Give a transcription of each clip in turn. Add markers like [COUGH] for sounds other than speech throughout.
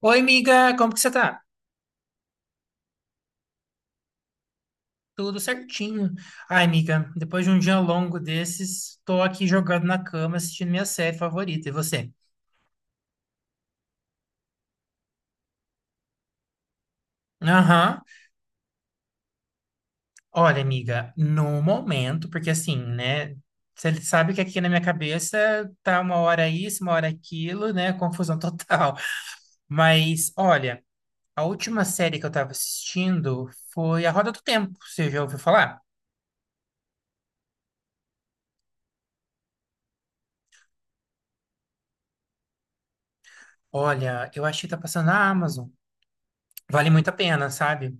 Oi, amiga, como que você tá? Tudo certinho. Ai, amiga, depois de um dia longo desses, tô aqui jogado na cama assistindo minha série favorita. E você? Aham. Olha, amiga, no momento, porque assim, né? Você sabe que aqui na minha cabeça tá uma hora isso, uma hora aquilo, né? Confusão total. [LAUGHS] Mas, olha, a última série que eu tava assistindo foi A Roda do Tempo. Você já ouviu falar? Olha, eu achei que tá passando na Amazon. Vale muito a pena, sabe?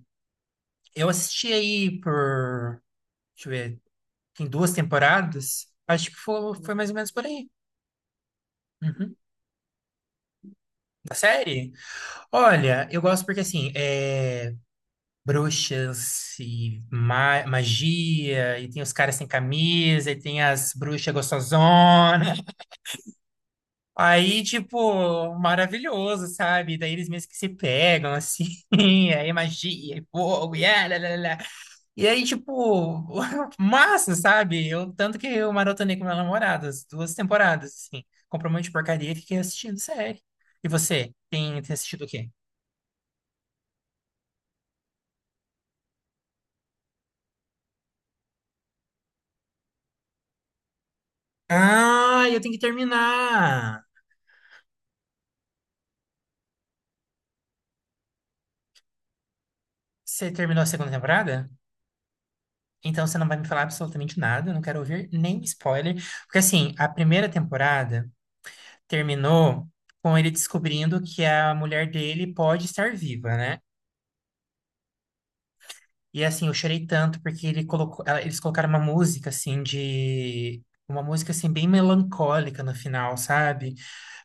Eu assisti aí por, deixa eu ver, tem duas temporadas. Acho que foi, foi mais ou menos por aí. Uhum. Da série? Olha, eu gosto porque assim, é bruxas e magia, e tem os caras sem camisa, e tem as bruxas gostosonas. Aí, tipo, maravilhoso, sabe? Daí eles mesmo que se pegam, assim, [LAUGHS] aí é magia, e fogo, e ah, lá, lá, lá. E aí, tipo, [LAUGHS] massa, sabe? Eu, tanto que eu maratonei com meu namorado, as duas temporadas, assim. Comprou um monte de porcaria e fiquei assistindo série. E você, tem, tem assistido o quê? Ah, eu tenho que terminar! Você terminou a segunda temporada? Então você não vai me falar absolutamente nada, eu não quero ouvir nem spoiler. Porque, assim, a primeira temporada terminou com ele descobrindo que a mulher dele pode estar viva, né? E assim, eu chorei tanto porque ele colocou, eles colocaram uma música assim de uma música assim bem melancólica no final, sabe?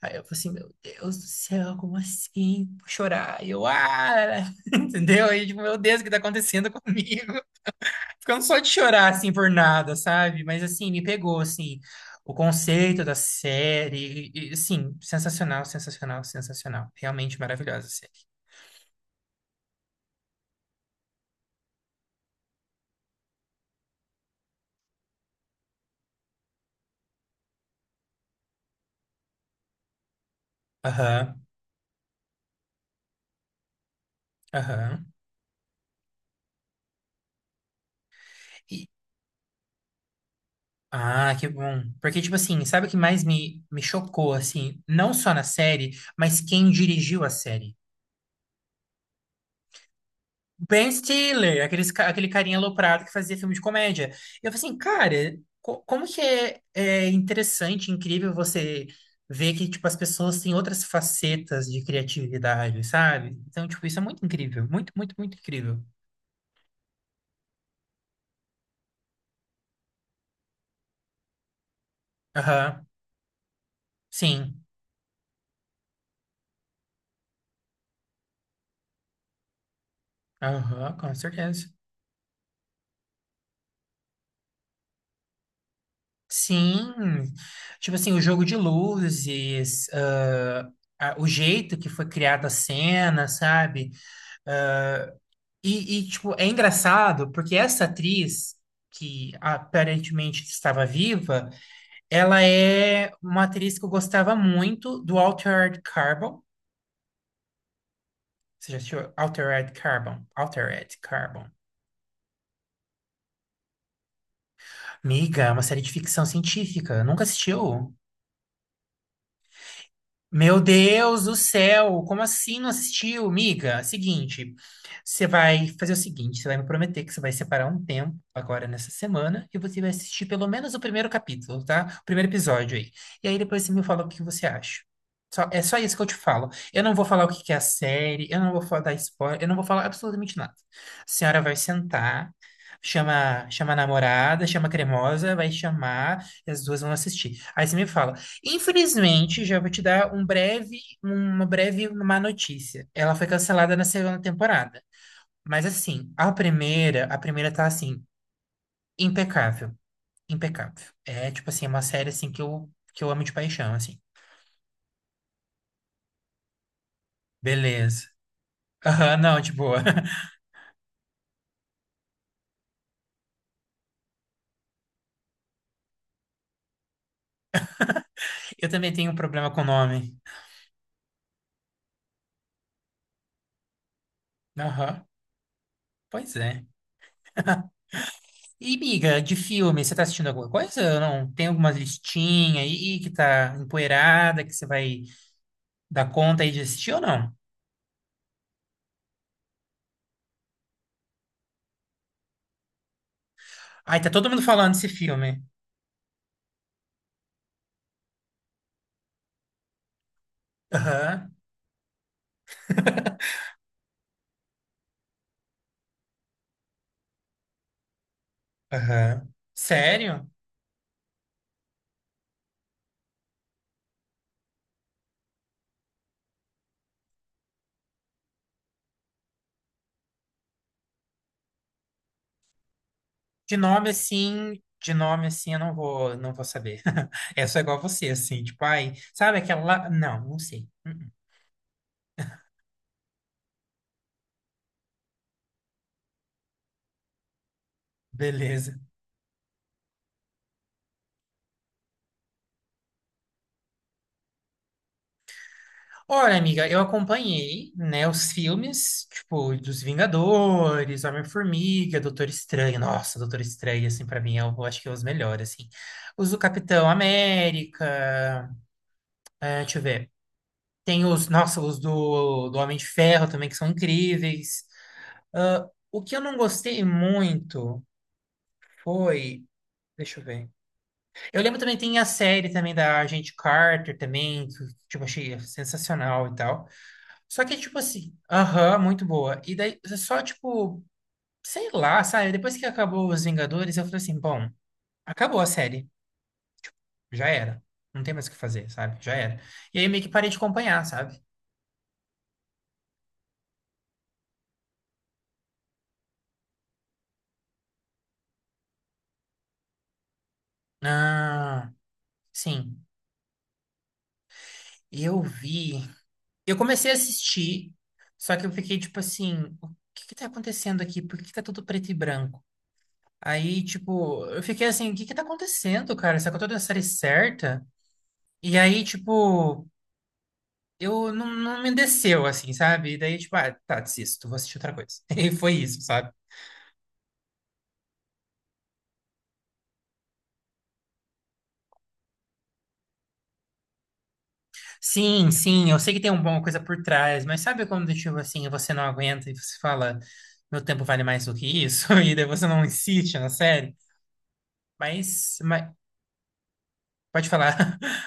Aí eu falei assim, meu Deus do céu, como assim? Vou chorar. E eu, ah, [LAUGHS] entendeu? Aí, tipo, meu Deus, o que tá acontecendo comigo? [LAUGHS] Ficando só de chorar assim por nada, sabe? Mas assim, me pegou assim o conceito da série, e, assim, sensacional, sensacional, sensacional. Realmente maravilhosa a série. Aham, aham. Ah, que bom. Porque, tipo assim, sabe o que mais me chocou, assim? Não só na série, mas quem dirigiu a série. Ben Stiller, aqueles, aquele carinha aloprado que fazia filme de comédia. Eu falei assim, cara, como que é, é interessante, incrível você ver que, tipo, as pessoas têm outras facetas de criatividade, sabe? Então, tipo, isso é muito incrível. Muito, muito, muito incrível. Aham, sim. Aham, com certeza. Sim, tipo assim, o jogo de luzes, ah, o jeito que foi criada a cena, sabe? E, tipo, é engraçado porque essa atriz, que aparentemente estava viva, ela é uma atriz que eu gostava muito do Altered Carbon. Você já assistiu Altered Carbon? Altered Carbon. Amiga, é uma série de ficção científica. Nunca assistiu? Meu Deus do céu, como assim não assistiu, miga? Seguinte, você vai fazer o seguinte, você vai me prometer que você vai separar um tempo agora nessa semana e você vai assistir pelo menos o primeiro capítulo, tá? O primeiro episódio aí. E aí depois você me fala o que você acha. É só isso que eu te falo. Eu não vou falar o que que é a série, eu não vou dar spoiler, eu não vou falar absolutamente nada. A senhora vai sentar, chama, chama a namorada, chama a cremosa, vai chamar e as duas vão assistir. Aí você me fala, infelizmente, já vou te dar um breve, uma breve má notícia. Ela foi cancelada na segunda temporada. Mas assim, a primeira tá assim, impecável, impecável. É tipo assim, é uma série assim que eu amo de paixão, assim. Beleza. Aham, [LAUGHS] não, de boa. [LAUGHS] Eu também tenho um problema com o nome. Aham, pois é. E, miga, de filme, você tá assistindo alguma coisa ou não? Tem alguma listinha aí que tá empoeirada que você vai dar conta aí de assistir ou não? Ai, tá todo mundo falando desse filme. Aham, aham. Sério? De nome assim, eu não vou, não vou saber. [LAUGHS] É só igual você, assim, tipo, ai, sabe aquela. Não, não sei. Uhum. Beleza. Olha, amiga, eu acompanhei, né, os filmes, tipo, dos Vingadores, Homem-Formiga, Doutor Estranho. Nossa, Doutor Estranho, assim, pra mim, eu acho que é os melhores, assim. Os do Capitão América, é, deixa eu ver. Tem os, nossa, os do, do Homem de Ferro também, que são incríveis. Ah, o que eu não gostei muito foi. Deixa eu ver. Eu lembro também, tem a série também da Agente Carter também, que tipo, achei sensacional e tal. Só que, tipo assim, aham, muito boa. E daí, só, tipo, sei lá, sabe? Depois que acabou Os Vingadores, eu falei assim, bom, acabou a série. Já era. Não tem mais o que fazer, sabe? Já era. E aí eu meio que parei de acompanhar, sabe? Ah, sim. Eu vi. Eu comecei a assistir, só que eu fiquei tipo assim, o que que tá acontecendo aqui? Por que que tá tudo preto e branco? Aí, tipo, eu fiquei assim, o que que tá acontecendo, cara? Será que eu tô da série certa? E aí, tipo, eu não me desceu, assim, sabe? E daí, tipo, ah, tá, desisto, vou assistir outra coisa. [LAUGHS] E foi isso, sabe? Sim, sim, eu sei que tem uma coisa por trás, mas sabe quando, tipo, assim, você não aguenta e você fala, meu tempo vale mais do que isso? [LAUGHS] E daí você não insiste na série? Mas pode falar. [LAUGHS]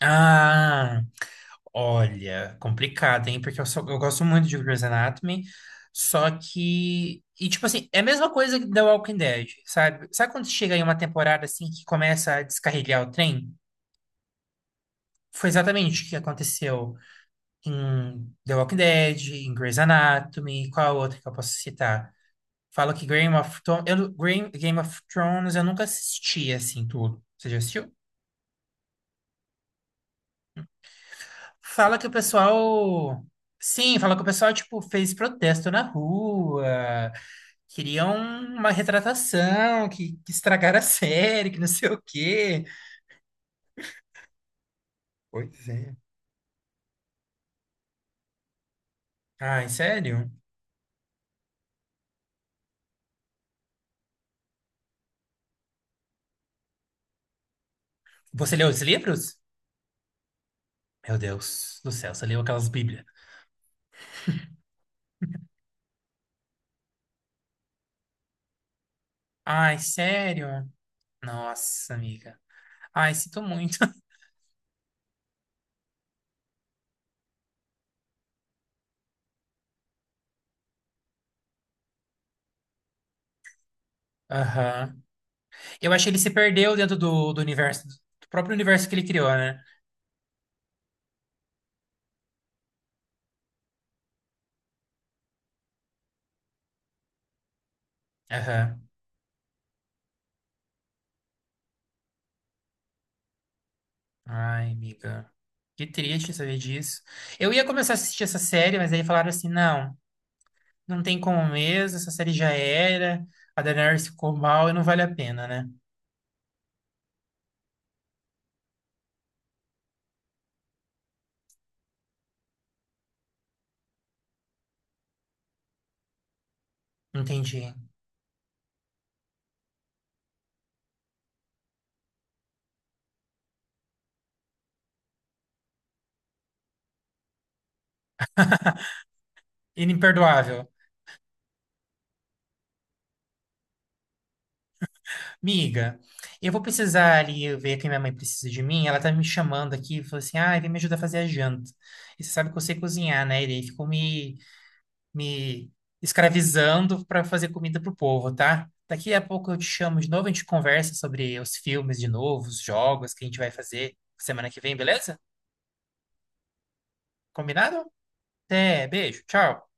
Ah, olha, complicado, hein? Porque eu, só, eu gosto muito de Grey's Anatomy, só que. E, tipo assim, é a mesma coisa que The Walking Dead, sabe? Sabe quando chega em uma temporada assim que começa a descarrilhar o trem? Foi exatamente o que aconteceu em The Walking Dead, em Grey's Anatomy, qual outra que eu posso citar? Falo que Game of Thrones. Eu, Game of Thrones eu nunca assisti assim tudo. Você já assistiu? Fala que o pessoal. Sim, fala que o pessoal, tipo, fez protesto na rua, queriam uma retratação, que estragaram a série, que não sei o quê. Pois é. Ai, sério? Você leu os livros? Meu Deus do céu, você leu aquelas bíblias. Ai, sério? Nossa, amiga. Ai, sinto muito. [LAUGHS] Aham. Eu acho que ele se perdeu dentro do, do universo, do próprio universo que ele criou, né? Aham. Ai, amiga. Que triste saber disso. Eu ia começar a assistir essa série, mas aí falaram assim: não, não tem como mesmo, essa série já era. A Daenerys ficou mal e não vale a pena, né? Entendi. Inimperdoável. Miga, eu vou precisar ali ver que minha mãe precisa de mim. Ela tá me chamando aqui falou assim: ai, vem me ajudar a fazer a janta. E você sabe que eu sei cozinhar, né? E daí ficou me escravizando para fazer comida pro povo, tá? Daqui a pouco eu te chamo de novo, a gente conversa sobre os filmes de novo, os jogos que a gente vai fazer semana que vem, beleza? Combinado? Até, beijo, tchau.